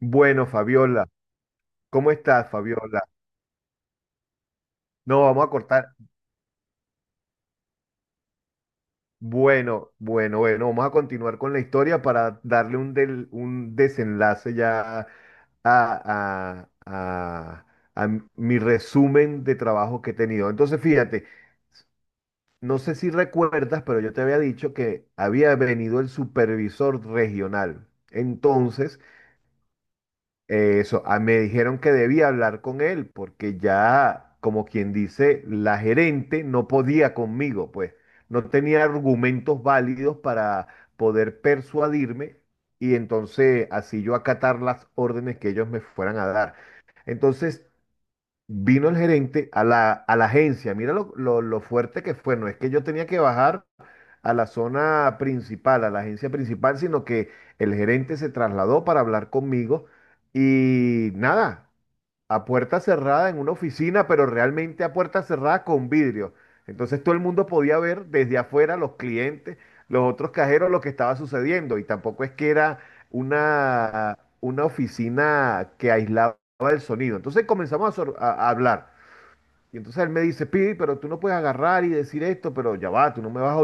Bueno, Fabiola, ¿cómo estás, Fabiola? No, vamos a cortar. Bueno, bueno, bueno, vamos a continuar con la historia para darle un desenlace ya a, a- a- a mi resumen de trabajo que he tenido. Entonces, fíjate, no sé si recuerdas, pero yo te había dicho que había venido el supervisor regional. Entonces, eso, me dijeron que debía hablar con él porque ya, como quien dice, la gerente no podía conmigo, pues no tenía argumentos válidos para poder persuadirme y entonces así yo acatar las órdenes que ellos me fueran a dar. Entonces vino el gerente a la agencia, mira lo fuerte que fue, no es que yo tenía que bajar a la zona principal, a la agencia principal, sino que el gerente se trasladó para hablar conmigo y nada, a puerta cerrada en una oficina, pero realmente a puerta cerrada con vidrio. Entonces todo el mundo podía ver desde afuera los clientes, los otros cajeros, lo que estaba sucediendo y tampoco es que era una oficina que aislaba el sonido. Entonces comenzamos a hablar. Y entonces él me dice, Pidi, pero tú no puedes agarrar y decir esto, pero ya va, tú no me vas a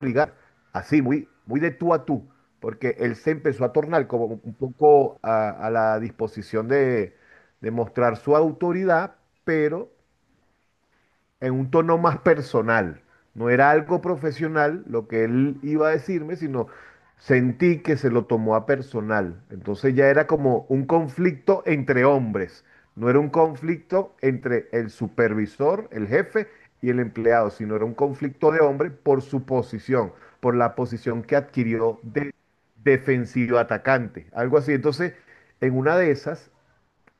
ligar así, muy, muy de tú a tú, porque él se empezó a tornar como un poco a la disposición de mostrar su autoridad, pero en un tono más personal. No era algo profesional lo que él iba a decirme, sino sentí que se lo tomó a personal. Entonces ya era como un conflicto entre hombres, no era un conflicto entre el supervisor, el jefe y el empleado, sino era un conflicto de hombre por su posición, por la posición que adquirió de defensivo atacante, algo así. Entonces, en una de esas,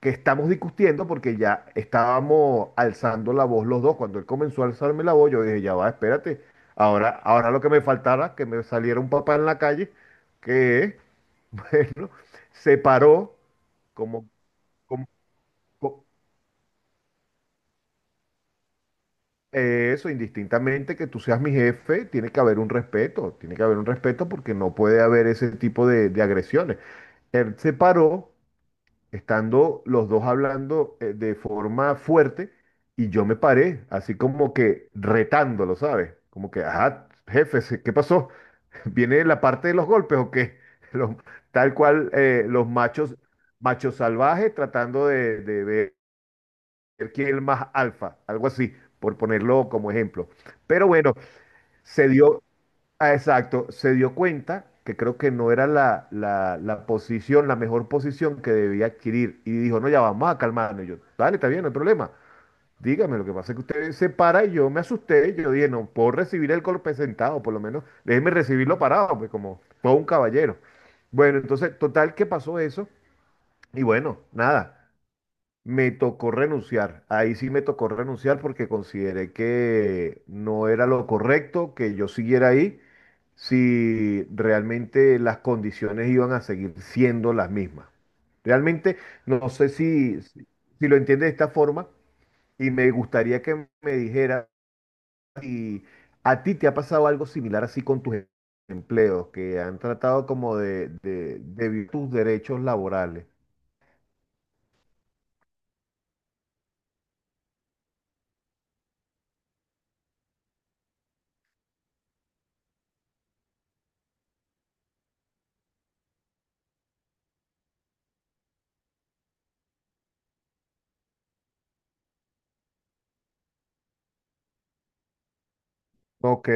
que estamos discutiendo porque ya estábamos alzando la voz los dos. Cuando él comenzó a alzarme la voz, yo dije, ya va, espérate. Ahora, ahora lo que me faltara, que me saliera un papá en la calle, que, bueno, se paró como, como- co- indistintamente que tú seas mi jefe, tiene que haber un respeto, tiene que haber un respeto porque no puede haber ese tipo de agresiones. Él se paró estando los dos hablando de forma fuerte y yo me paré, así como que retándolo, ¿sabes? Como que, ajá, jefe, ¿qué pasó? ¿Viene la parte de los golpes o qué? Los- Tal cual los machos, machos salvajes tratando de ver quién es el más alfa, algo así, por ponerlo como ejemplo. Pero bueno, se dio, exacto, se dio cuenta que creo que no era la posición, la mejor posición que debía adquirir. Y dijo, no, ya vamos a calmarnos. Y yo, dale, está bien, no hay problema. Dígame, lo que pasa es que usted se para y yo me asusté. Yo dije, no, puedo recibir el golpe sentado, por lo menos déjeme recibirlo parado, pues como todo un caballero. Bueno, entonces, total que pasó eso. Y bueno, nada. Me tocó renunciar. Ahí sí me tocó renunciar porque consideré que no era lo correcto que yo siguiera ahí si realmente las condiciones iban a seguir siendo las mismas. Realmente no sé si si lo entiendes de esta forma y me gustaría que me dijera si a ti te ha pasado algo similar así con tus empleos que han tratado como de, de violar tus derechos laborales. Ok.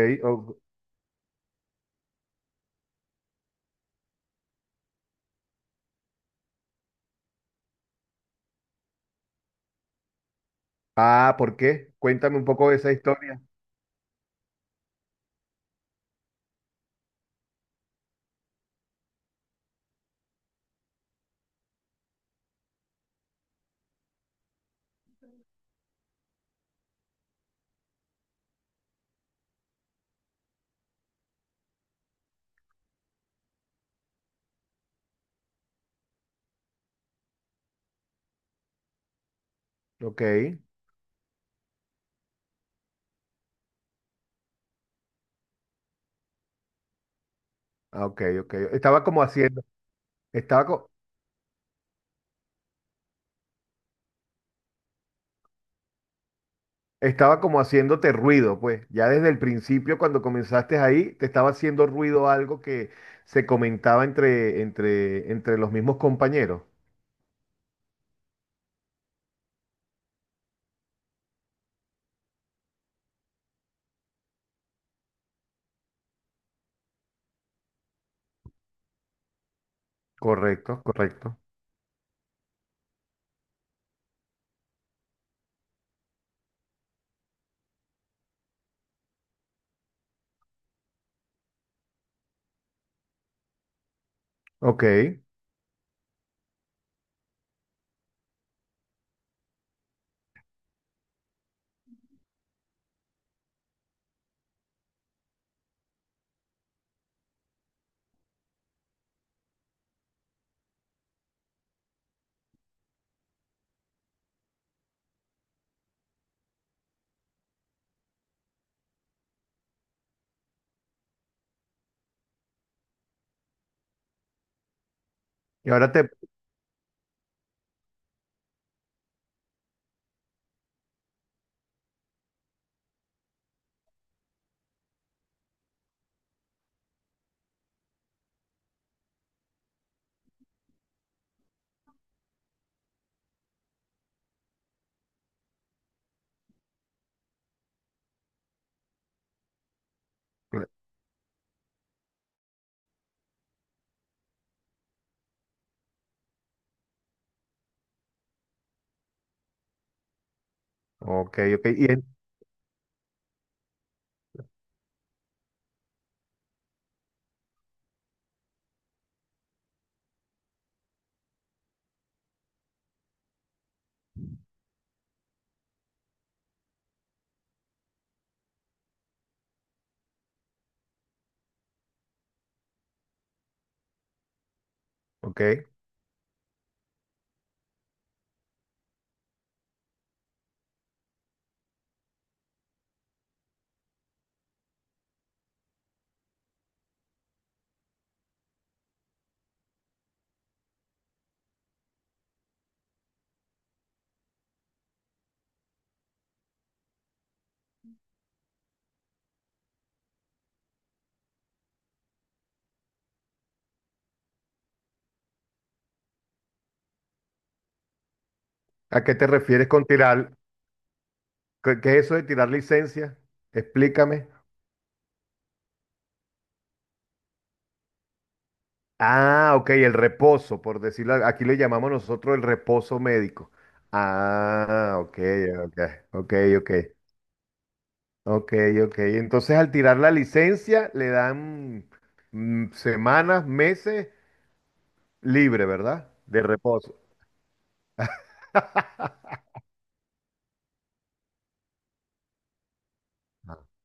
Ah, ¿por qué? Cuéntame un poco de esa historia. Ok, ah, ok, ok. Estaba como haciendo, estaba, co- estaba como haciéndote ruido, pues. Ya desde el principio, cuando comenzaste ahí, te estaba haciendo ruido algo que se comentaba entre los mismos compañeros. Correcto, correcto. Ok. Y ahora te... Ok, ok. Y en- ok. ¿A qué te refieres con tirar? ¿Qué es eso de tirar licencia? Explícame. Ah, ok, el reposo, por decirlo, aquí le llamamos nosotros el reposo médico. Ah, ok, ok, ok, ok, ok, ok. Entonces al tirar la licencia le dan mm, semanas, meses libre, ¿verdad? De reposo. Ah.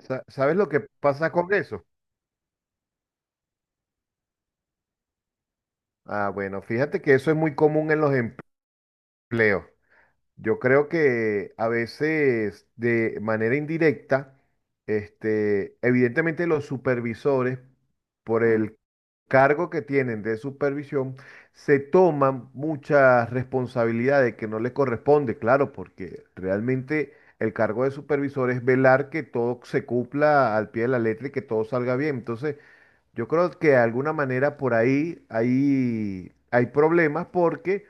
¿Sabes lo que pasa con eso? Ah, bueno, fíjate que eso es muy común en los empleos. Yo creo que a veces de manera indirecta, este, evidentemente los supervisores, por el cargo que tienen de supervisión, se toman muchas responsabilidades que no les corresponde, claro, porque realmente el cargo de supervisor es velar que todo se cumpla al pie de la letra y que todo salga bien. Entonces, yo creo que de alguna manera por ahí hay, hay problemas porque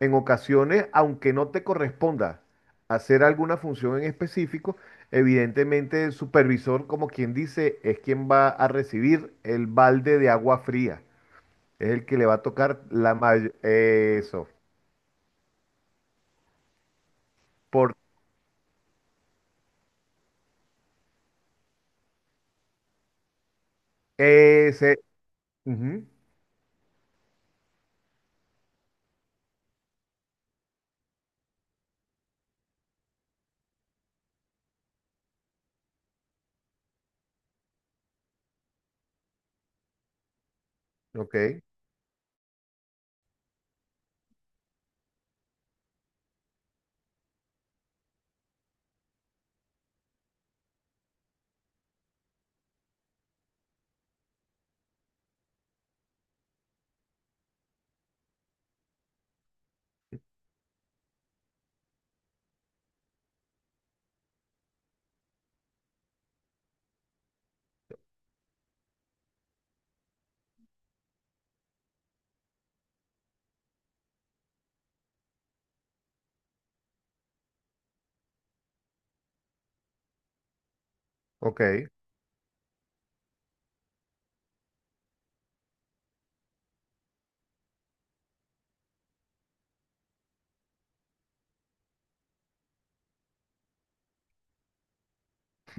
en ocasiones, aunque no te corresponda hacer alguna función en específico, evidentemente el supervisor, como quien dice, es quien va a recibir el balde de agua fría. Es el que le va a tocar la mayor... Eso. Por ese... ujú. Ok, ok.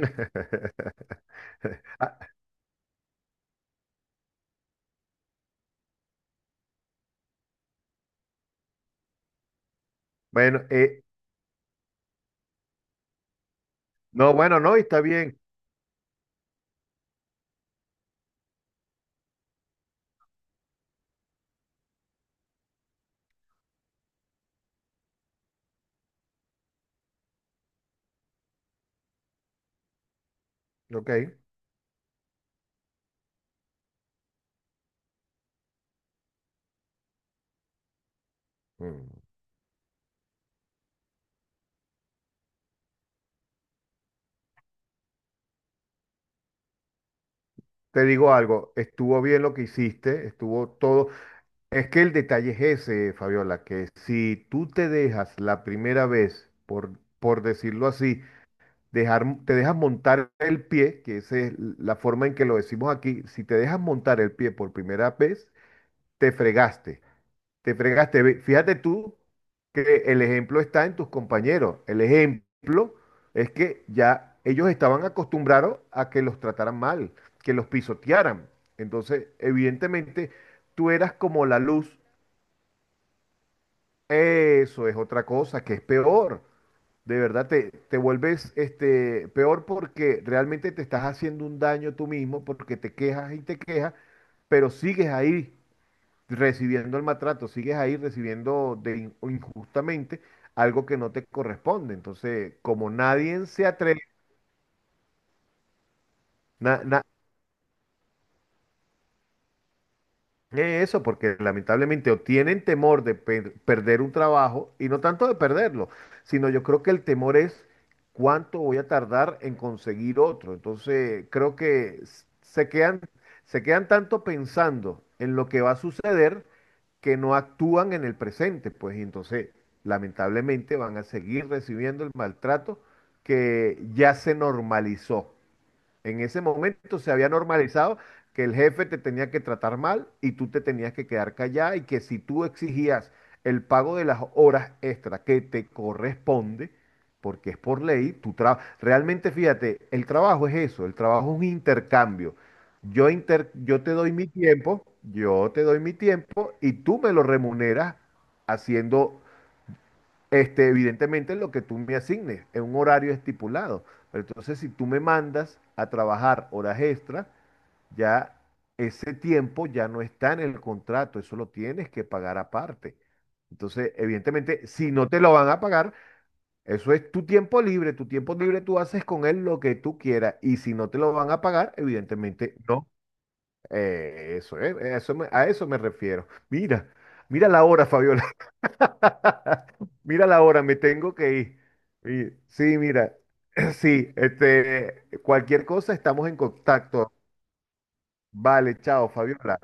Ah, bueno, no, bueno, no, y está bien. Ok. Mm. Te digo algo, estuvo bien lo que hiciste, estuvo todo. Es que el detalle es ese, Fabiola, que si tú te dejas la primera vez, por decirlo así, dejar, te dejas montar el pie, que esa es la forma en que lo decimos aquí, si te dejas montar el pie por primera vez, te fregaste. Te fregaste. Fíjate tú que el ejemplo está en tus compañeros. El ejemplo es que ya ellos estaban acostumbrados a que los trataran mal, que los pisotearan. Entonces, evidentemente, tú eras como la luz. Eso es otra cosa que es peor. De verdad te vuelves este, peor porque realmente te estás haciendo un daño tú mismo porque te quejas y te quejas, pero sigues ahí recibiendo el maltrato, sigues ahí recibiendo de injustamente algo que no te corresponde. Entonces, como nadie se atreve, porque lamentablemente o tienen temor de perder un trabajo, y no tanto de perderlo, sino yo creo que el temor es cuánto voy a tardar en conseguir otro. Entonces, creo que se quedan tanto pensando en lo que va a suceder que no actúan en el presente, pues, y entonces, lamentablemente van a seguir recibiendo el maltrato que ya se normalizó. En ese momento se había normalizado que el jefe te tenía que tratar mal y tú te tenías que quedar callada y que si tú exigías el pago de las horas extra que te corresponde, porque es por ley, realmente fíjate, el trabajo es eso, el trabajo es un intercambio. Yo te doy mi tiempo, yo te doy mi tiempo y tú me lo remuneras haciendo este, evidentemente lo que tú me asignes, en un horario estipulado. Pero entonces, si tú me mandas a trabajar horas extra, ya ese tiempo ya no está en el contrato, eso lo tienes que pagar aparte. Entonces, evidentemente, si no te lo van a pagar, eso es tu tiempo libre tú haces con él lo que tú quieras. Y si no te lo van a pagar, evidentemente no. A eso me refiero. Mira, mira la hora, Fabiola. Mira la hora, me tengo que ir. Sí, mira, sí, este, cualquier cosa estamos en contacto. Vale, chao, Fabiola.